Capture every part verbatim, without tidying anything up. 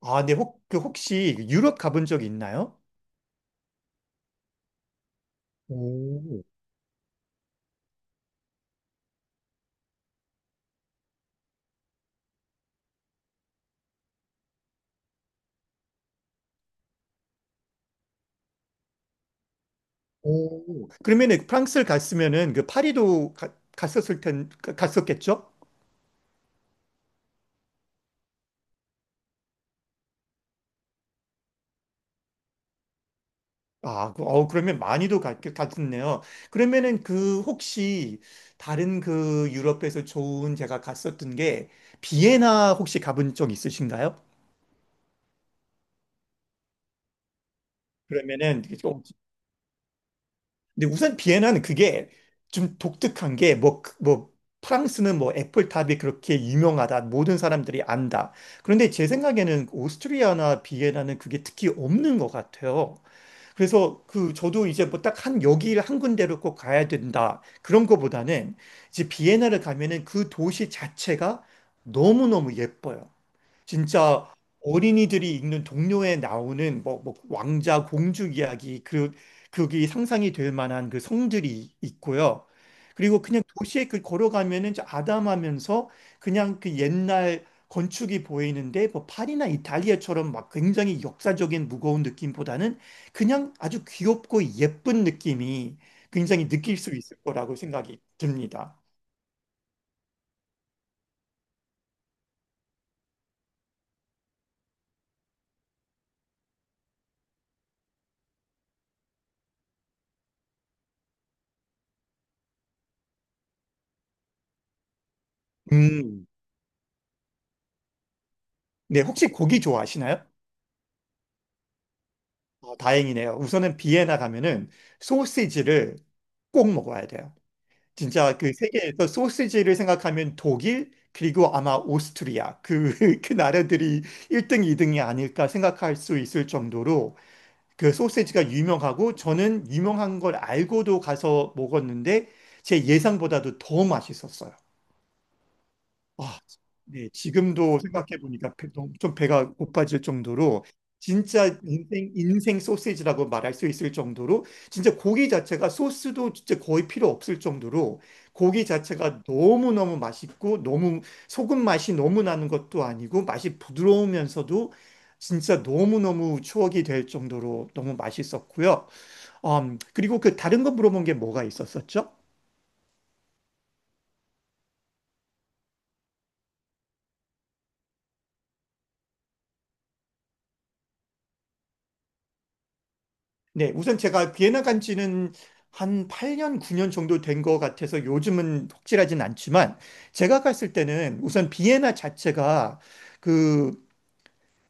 아, 네, 혹, 그 혹시 유럽 가본 적 있나요? 오, 오, 그러면은 프랑스를 갔으면은 그 파리도 가- 갔었을 텐, 가- 갔었겠죠? 아, 그- 어, 그러면 많이도 갔, 갔었네요. 그러면은 그 혹시 다른 그 유럽에서 좋은 제가 갔었던 게 비엔나 혹시 가본 적 있으신가요? 그러면은 근데 우선 비엔나는 그게 좀 독특한 게 뭐, 그- 뭐, 프랑스는 뭐 애플탑이 그렇게 유명하다. 모든 사람들이 안다. 그런데 제 생각에는 오스트리아나 비엔나는 그게 특히 없는 것 같아요. 그래서 그 저도 이제 뭐 딱 한 여기를 한 군데로 꼭 가야 된다. 그런 거보다는 이제 비엔나를 가면은 그 도시 자체가 너무너무 예뻐요. 진짜 어린이들이 읽는 동료에 나오는 뭐, 뭐 왕자 공주 이야기 그 그게 상상이 될 만한 그 성들이 있고요. 그리고 그냥 도시에 그 걸어가면은 저 아담하면서 그냥 그 옛날 건축이 보이는데 뭐 파리나 이탈리아처럼 막 굉장히 역사적인 무거운 느낌보다는 그냥 아주 귀엽고 예쁜 느낌이 굉장히 느낄 수 있을 거라고 생각이 듭니다. 음. 네, 혹시 고기 좋아하시나요? 어, 다행이네요. 우선은 비엔나 가면은 소시지를 꼭 먹어야 돼요. 진짜 그 세계에서 소시지를 생각하면 독일 그리고 아마 오스트리아 그, 그 나라들이 일 등, 이 등이 아닐까 생각할 수 있을 정도로 그 소시지가 유명하고 저는 유명한 걸 알고도 가서 먹었는데 제 예상보다도 더 맛있었어요. 아, 네, 지금도 생각해보니까 배- 너무 좀 배가 고파질 정도로 진짜 인생, 인생 소시지라고 말할 수 있을 정도로 진짜 고기 자체가 소스도 진짜 거의 필요 없을 정도로 고기 자체가 너무너무 맛있고 너무 소금 맛이 너무 나는 것도 아니고 맛이 부드러우면서도 진짜 너무너무 추억이 될 정도로 너무 맛있었고요. 음, 그리고 그 다른 거 물어본 게 뭐가 있었었죠? 네, 우선 제가 비엔나 간 지는 한 팔 년, 구 년 정도 된 것 같아서 요즘은 혹질하진 않지만 제가 갔을 때는 우선 비엔나 자체가 그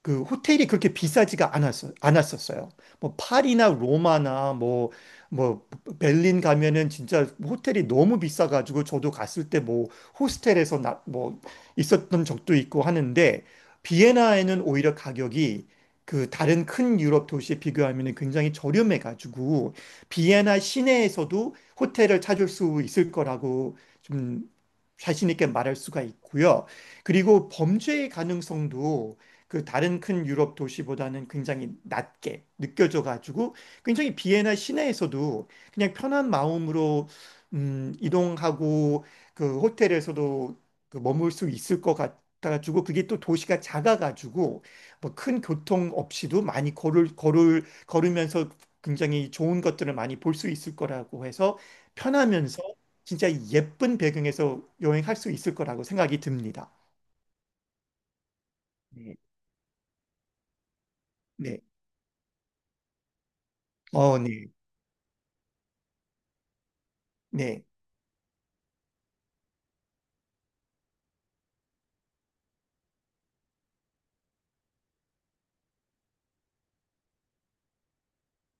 그 호텔이 그렇게 비싸지가 않았어, 않았었어요. 뭐 파리나 로마나 뭐, 뭐 베를린 가면은 진짜 호텔이 너무 비싸가지고 저도 갔을 때 뭐 호스텔에서 나, 뭐 있었던 적도 있고 하는데 비엔나에는 오히려 가격이 그 다른 큰 유럽 도시에 비교하면 굉장히 저렴해가지고 비엔나 시내에서도 호텔을 찾을 수 있을 거라고 좀 자신 있게 말할 수가 있고요. 그리고 범죄의 가능성도 그 다른 큰 유럽 도시보다는 굉장히 낮게 느껴져 가지고 굉장히 비엔나 시내에서도 그냥 편한 마음으로 음, 이동하고 그 호텔에서도 그 머물 수 있을 것 같아가지고 그게 또 도시가 작아가지고 뭐 큰 교통 없이도 많이 걸을 걸을 걸으면서 굉장히 좋은 것들을 많이 볼 수 있을 거라고 해서 편하면서 진짜 예쁜 배경에서 여행할 수 있을 거라고 생각이 듭니다. 네. 네. 어, 네. 네.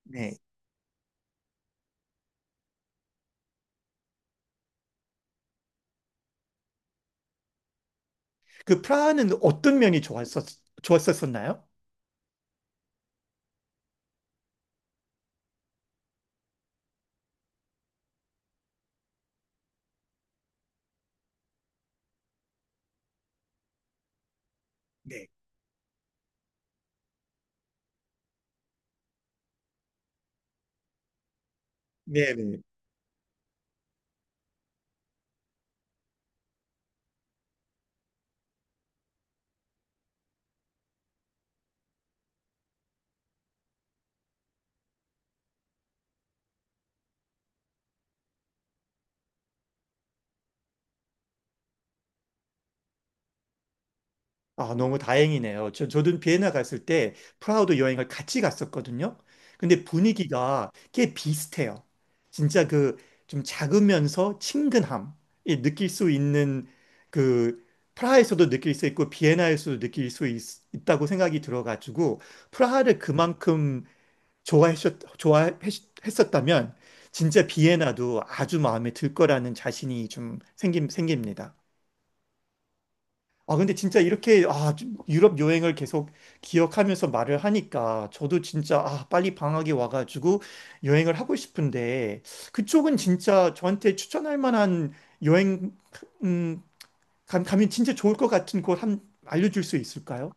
네. 그 프라하는 어떤 면이 좋았었, 좋았었나요? 네. 네네. 아, 너무 다행이네요. 저, 저도 비엔나 갔을 때 프라하도 여행을 같이 갔었거든요. 근데 분위기가 꽤 비슷해요. 진짜 그 좀 작으면서 친근함이 느낄 수 있는 그 프라하에서도 느낄 수 있고 비엔나에서도 느낄 수 있, 있다고 생각이 들어가지고 프라하를 그만큼 좋아했었, 좋아했었다면 진짜 비엔나도 아주 마음에 들 거라는 자신이 좀 생김, 생깁니다. 아, 근데 진짜 이렇게 아, 좀 유럽 여행을 계속 기억하면서 말을 하니까 저도 진짜 아, 빨리 방학이 와가지고 여행을 하고 싶은데 그쪽은 진짜 저한테 추천할 만한 여행 음, 감- 가면 진짜 좋을 것 같은 곳 한 알려줄 수 있을까요?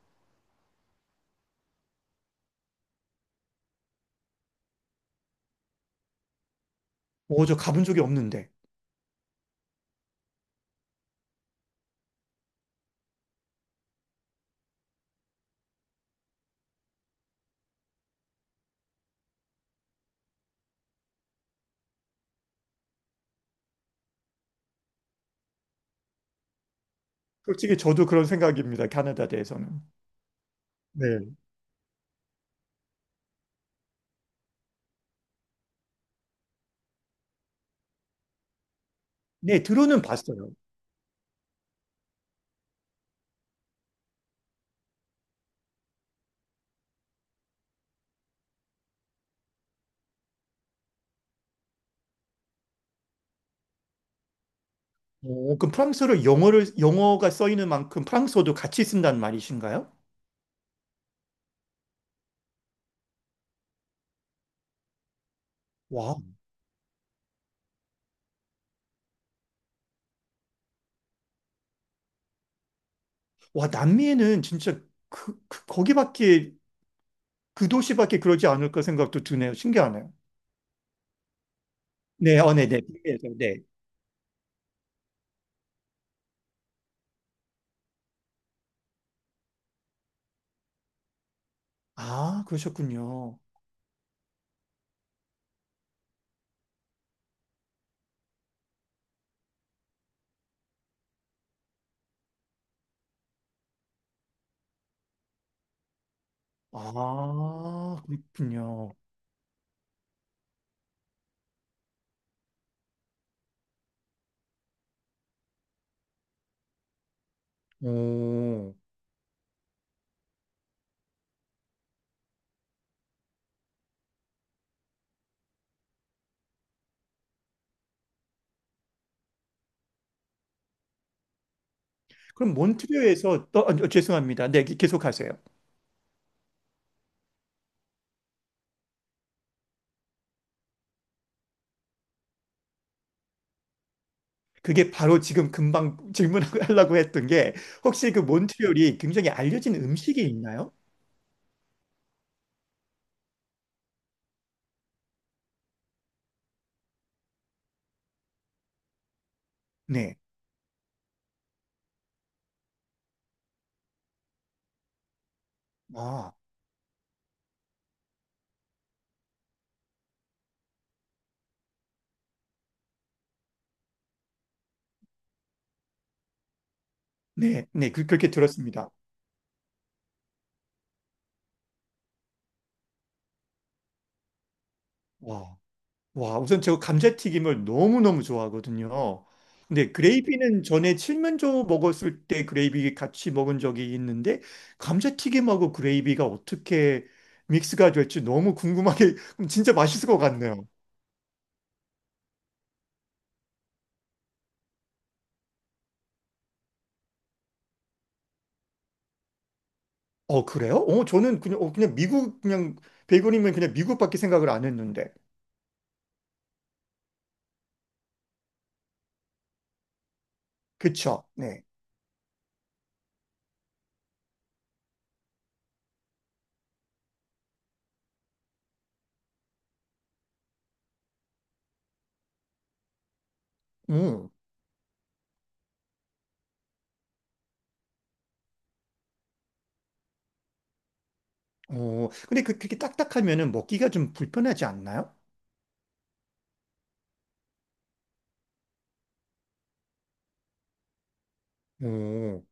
오, 저 가본 적이 없는데. 솔직히 저도 그런 생각입니다. 캐나다 대해서는. 네. 네, 들어는 봤어요. 오, 그럼 프랑스어를 영어를, 영어가 써 있는 만큼 프랑스어도 같이 쓴다는 말이신가요? 와, 와, 남미에는 진짜 그, 그- 거기밖에, 그 도시밖에 그러지 않을까 생각도 드네요. 신기하네요. 네, 어, 네, 네. 북미에서, 네. 아, 그러셨군요. 아, 그렇군요. 오. 그럼 몬트리올에서, 또, 아, 죄송합니다. 네, 계속 하세요. 그게 바로 지금 금방 질문하려고 했던 게, 혹시 그 몬트리올이 굉장히 알려진 음식이 있나요? 네. 아. 네, 네, 그, 그렇게 들었습니다. 와, 와, 우선 저 감자튀김을 너무너무 좋아하거든요. 근데 그레이비는 전에 칠면조 먹었을 때 그레이비 같이 먹은 적이 있는데 감자튀김하고 그레이비가 어떻게 믹스가 될지 너무 궁금하게 진짜 맛있을 것 같네요. 어, 그래요? 어, 저는 그냥 어, 그냥 미국 그냥 베이컨이면 그냥 미국밖에 생각을 안 했는데. 그쵸? 네. 음. 어, 근데 그, 그렇게 딱딱하면은 먹기가 좀 불편하지 않나요? 오.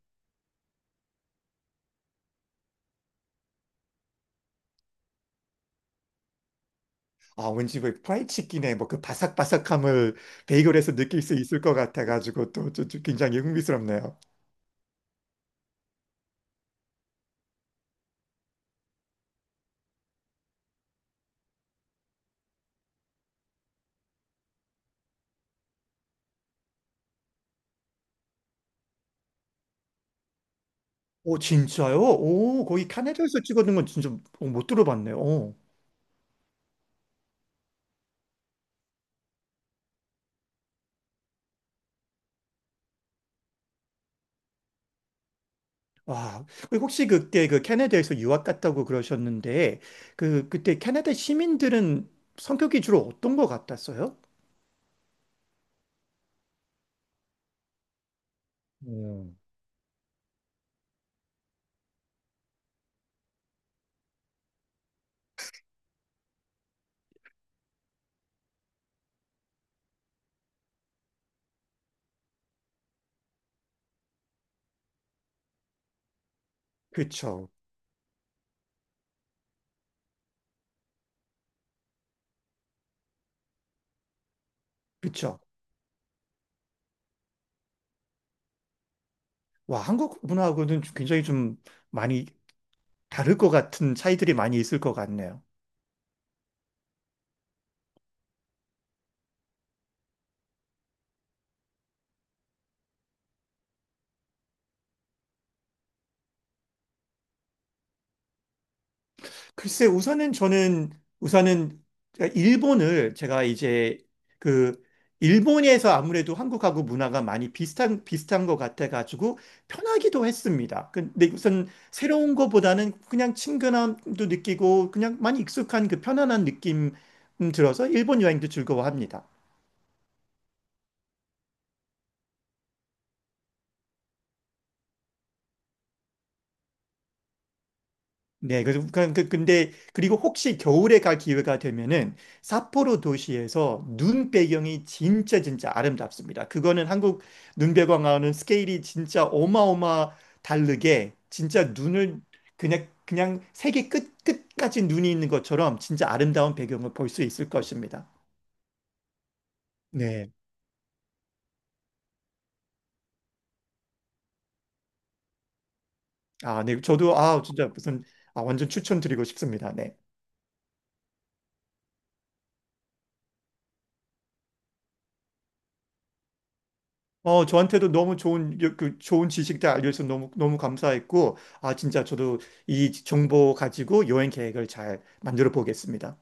아, 왠지 왜 프라이치킨의 뭐 그 바삭바삭함을 베이글에서 느낄 수 있을 것 같아가지고 또, 또, 또 굉장히 흥미스럽네요. 오, 진짜요? 오, 거기 캐나다에서 찍어둔 건 진짜 어, 못 들어봤네요. 오. 와, 그 혹시 그때 그 캐나다에서 유학 갔다고 그러셨는데 그 그때 캐나다 시민들은 성격이 주로 어떤 것 같았어요? 음. 그쵸, 그쵸. 와, 한국 문화하고는 좀 굉장히 좀 많이 다를 것 같은 차이들이 많이 있을 것 같네요. 글쎄, 우선은 저는, 우선은, 일본을 제가 이제 그, 일본에서 아무래도 한국하고 문화가 많이 비슷한, 비슷한 것 같아가지고 편하기도 했습니다. 근데 우선 새로운 것보다는 그냥 친근함도 느끼고 그냥 많이 익숙한 그 편안한 느낌 음, 들어서 일본 여행도 즐거워합니다. 네, 그래서 그- 그- 근데 그리고 혹시 겨울에 갈 기회가 되면은 삿포로 도시에서 눈 배경이 진짜 진짜 아름답습니다. 그거는 한국 눈 배경하고는 스케일이 진짜 어마어마 다르게 진짜 눈을 그냥 그냥 세계 끝 끝까지 눈이 있는 것처럼 진짜 아름다운 배경을 볼 수 있을 것입니다. 네. 아, 네. 저도 아, 진짜 무슨 아, 완전 추천드리고 싶습니다. 네. 어, 저한테도 너무 좋은, 여- 그, 좋은 지식들 알려줘서 너무, 너무 감사했고, 아, 진짜 저도 이 정보 가지고 여행 계획을 잘 만들어 보겠습니다.